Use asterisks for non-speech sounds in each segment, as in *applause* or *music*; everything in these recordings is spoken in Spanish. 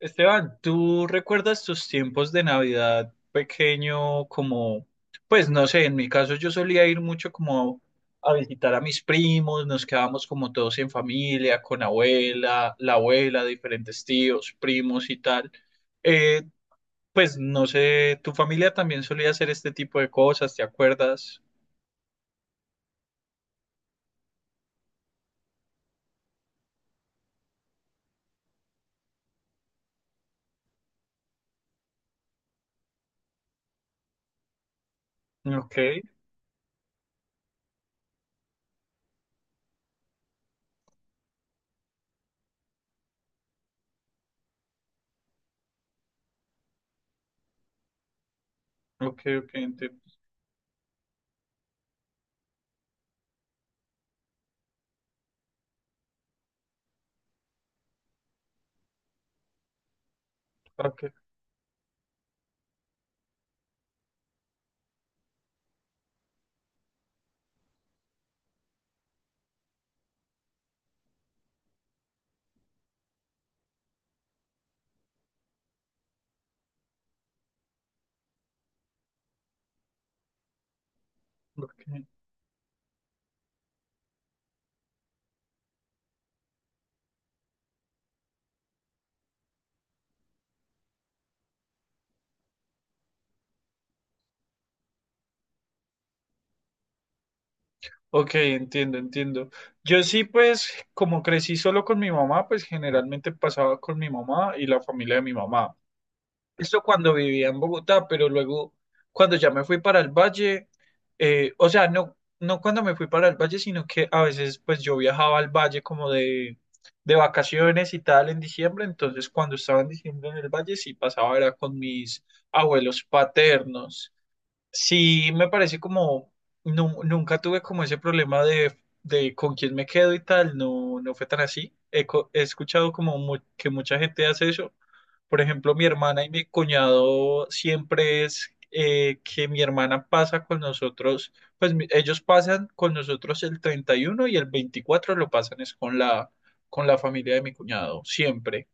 Esteban, ¿tú recuerdas tus tiempos de Navidad pequeño como, pues no sé, en mi caso yo solía ir mucho como a visitar a mis primos? Nos quedábamos como todos en familia, con abuela, la abuela, diferentes tíos, primos y tal. Eh, pues no sé, ¿tu familia también solía hacer este tipo de cosas? ¿Te acuerdas? Ok, ok, ok, entiendo. Ok, ok. Ok, entiendo, entiendo. Yo sí, pues, como crecí solo con mi mamá, pues generalmente pasaba con mi mamá y la familia de mi mamá. Esto cuando vivía en Bogotá, pero luego cuando ya me fui para el valle, o sea, no, no cuando me fui para el valle, sino que a veces pues yo viajaba al valle como de vacaciones y tal en diciembre. Entonces cuando estaba en diciembre en el valle sí pasaba era con mis abuelos paternos. Sí, me parece como, nunca tuve como ese problema de con quién me quedo y tal, no, no fue tan así. He, he escuchado como que mucha gente hace eso. Por ejemplo, mi hermana y mi cuñado siempre es que mi hermana pasa con nosotros, pues ellos pasan con nosotros el 31 y el 24 lo pasan es con la familia de mi cuñado, siempre.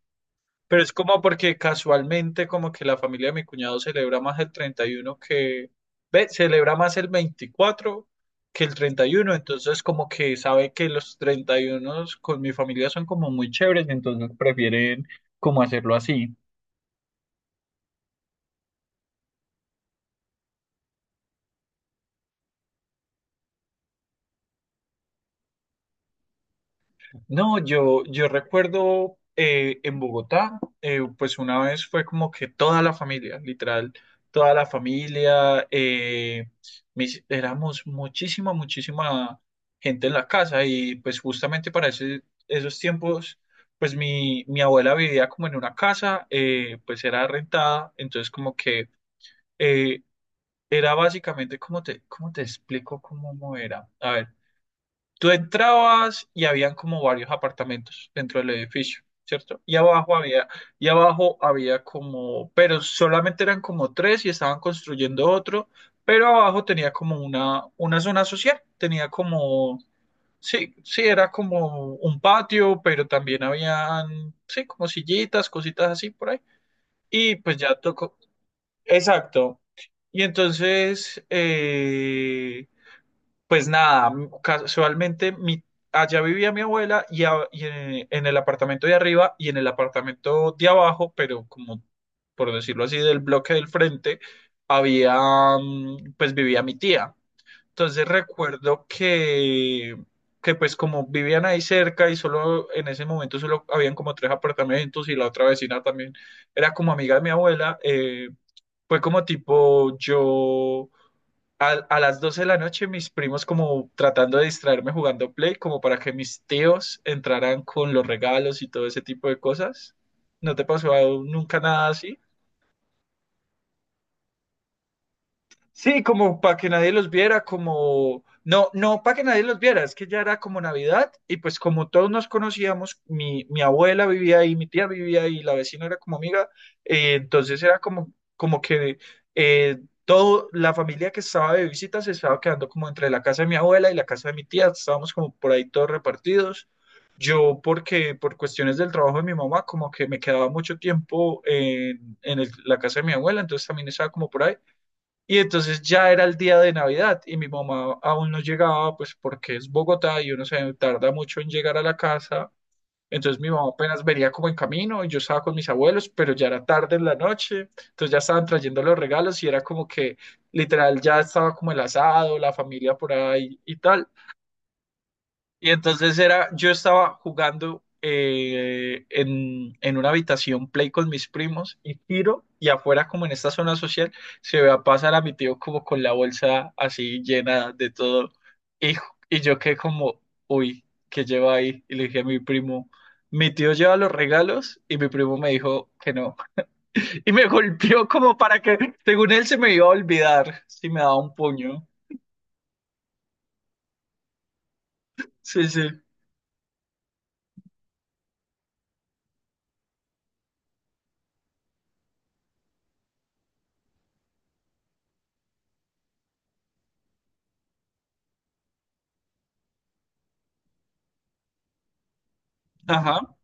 Pero es como porque casualmente como que la familia de mi cuñado celebra más el 31 que, ve, celebra más el 24 que el 31, entonces como que sabe que los 31 con mi familia son como muy chéveres, entonces prefieren como hacerlo así. No, yo recuerdo en Bogotá, pues una vez fue como que toda la familia, literal, toda la familia, éramos muchísima, muchísima gente en la casa. Y pues justamente para esos tiempos, pues mi abuela vivía como en una casa, pues era rentada, entonces como que eh, era básicamente, cómo te explico cómo era? A ver. Tú entrabas y habían como varios apartamentos dentro del edificio, ¿cierto? Y abajo había como, pero solamente eran como tres y estaban construyendo otro, pero abajo tenía como una zona social, tenía como, sí, sí, era como un patio, pero también habían, sí, como sillitas, cositas así por ahí. Y pues ya tocó, exacto. Y entonces, pues nada, casualmente mi, allá vivía mi abuela y, y en el apartamento de arriba y en el apartamento de abajo, pero como por decirlo así, del bloque del frente, había, pues vivía mi tía. Entonces recuerdo que pues como vivían ahí cerca y solo en ese momento solo habían como tres apartamentos y la otra vecina también era como amiga de mi abuela, fue como tipo yo a las 12 de la noche mis primos como tratando de distraerme jugando Play como para que mis tíos entraran con los regalos y todo ese tipo de cosas. ¿No te pasó nunca nada así? Sí, como para que nadie los viera, como, no, no para que nadie los viera, es que ya era como Navidad y pues como todos nos conocíamos, mi abuela vivía ahí, mi tía vivía ahí, la vecina era como amiga, entonces era como, como que eh, todo, la familia que estaba de visita se estaba quedando como entre la casa de mi abuela y la casa de mi tía, estábamos como por ahí todos repartidos. Yo porque por cuestiones del trabajo de mi mamá, como que me quedaba mucho tiempo en la casa de mi abuela, entonces también estaba como por ahí. Y entonces ya era el día de Navidad y mi mamá aún no llegaba, pues porque es Bogotá y uno se tarda mucho en llegar a la casa. Entonces mi mamá apenas venía como en camino y yo estaba con mis abuelos, pero ya era tarde en la noche, entonces ya estaban trayendo los regalos y era como que literal ya estaba como el asado, la familia por ahí y tal. Y entonces era, yo estaba jugando en una habitación play con mis primos y tiro y afuera como en esta zona social se ve a pasar a mi tío como con la bolsa así llena de todo y, y yo quedé como, uy, ¿qué lleva ahí? Y le dije a mi primo, mi tío lleva los regalos y mi primo me dijo que no. *laughs* Y me golpeó como para que, según él, se me iba a olvidar si me daba un puño. Sí, sí. Ajá,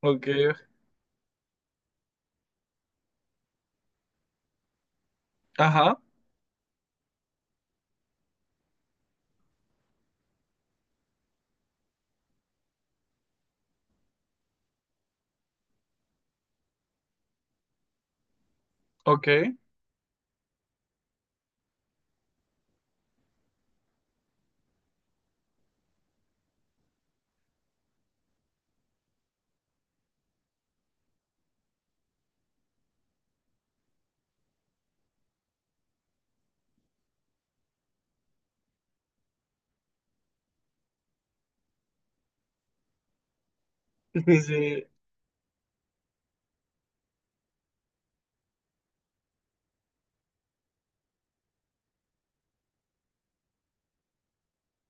ok, ajá, ok. *laughs* Sí,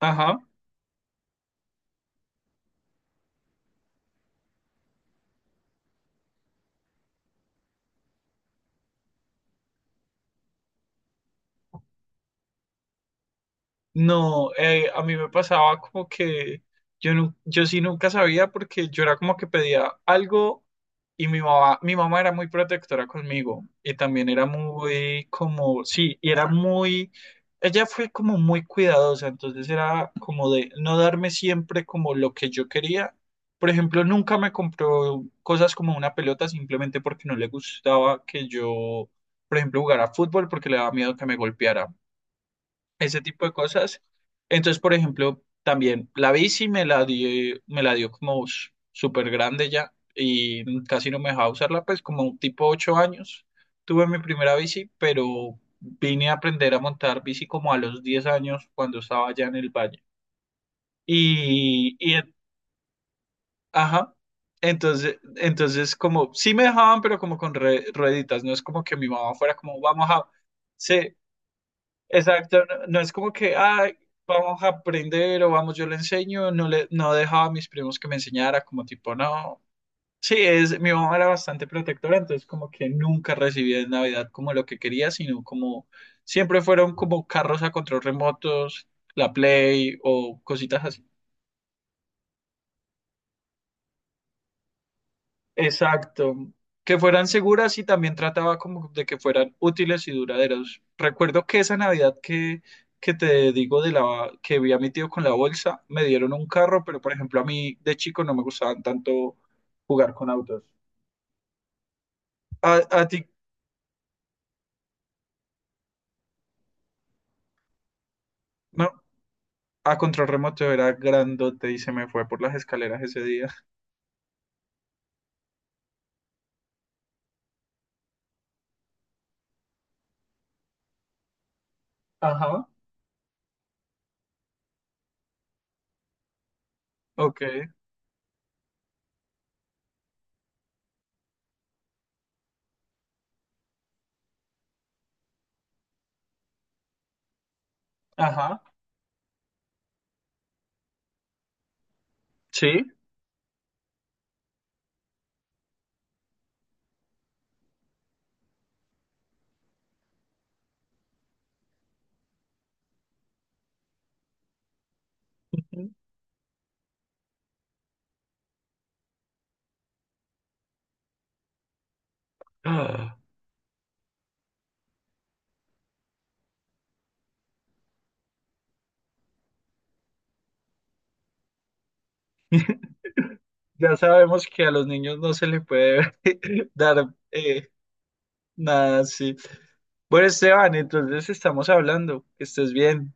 ajá. No, a mí me pasaba como que yo, yo sí nunca sabía porque yo era como que pedía algo y mi mamá era muy protectora conmigo y también era muy como, sí, y era muy, ella fue como muy cuidadosa, entonces era como de no darme siempre como lo que yo quería. Por ejemplo, nunca me compró cosas como una pelota simplemente porque no le gustaba que yo, por ejemplo, jugara fútbol porque le daba miedo que me golpeara. Ese tipo de cosas. Entonces, por ejemplo, también la bici me la dio como súper grande ya y casi no me dejaba usarla, pues como tipo 8 años tuve mi primera bici, pero vine a aprender a montar bici como a los 10 años cuando estaba ya en el valle. Y en- ajá. Entonces, entonces como sí me dejaban, pero como con rueditas, no es como que mi mamá fuera como, vamos a, sí, exacto, no, no es como que, ah, vamos a aprender o vamos, yo le enseño, no le, no dejaba a mis primos que me enseñara, como tipo, no. Sí, es, mi mamá era bastante protectora, entonces como que nunca recibía en Navidad como lo que quería, sino como siempre fueron como carros a control remotos, la Play o cositas así. Exacto. Que fueran seguras y también trataba como de que fueran útiles y duraderas. Recuerdo que esa Navidad que te digo de la que vi a mi tío con la bolsa, me dieron un carro, pero por ejemplo a mí de chico no me gustaban tanto jugar con autos. A ti, no, a control remoto era grandote y se me fue por las escaleras ese día. Ajá. Ok. Ajá. Sí. Ujú. Ah, ya sabemos que a los niños no se les puede *laughs* dar nada, sí. Bueno, Esteban, entonces estamos hablando. Que estés bien.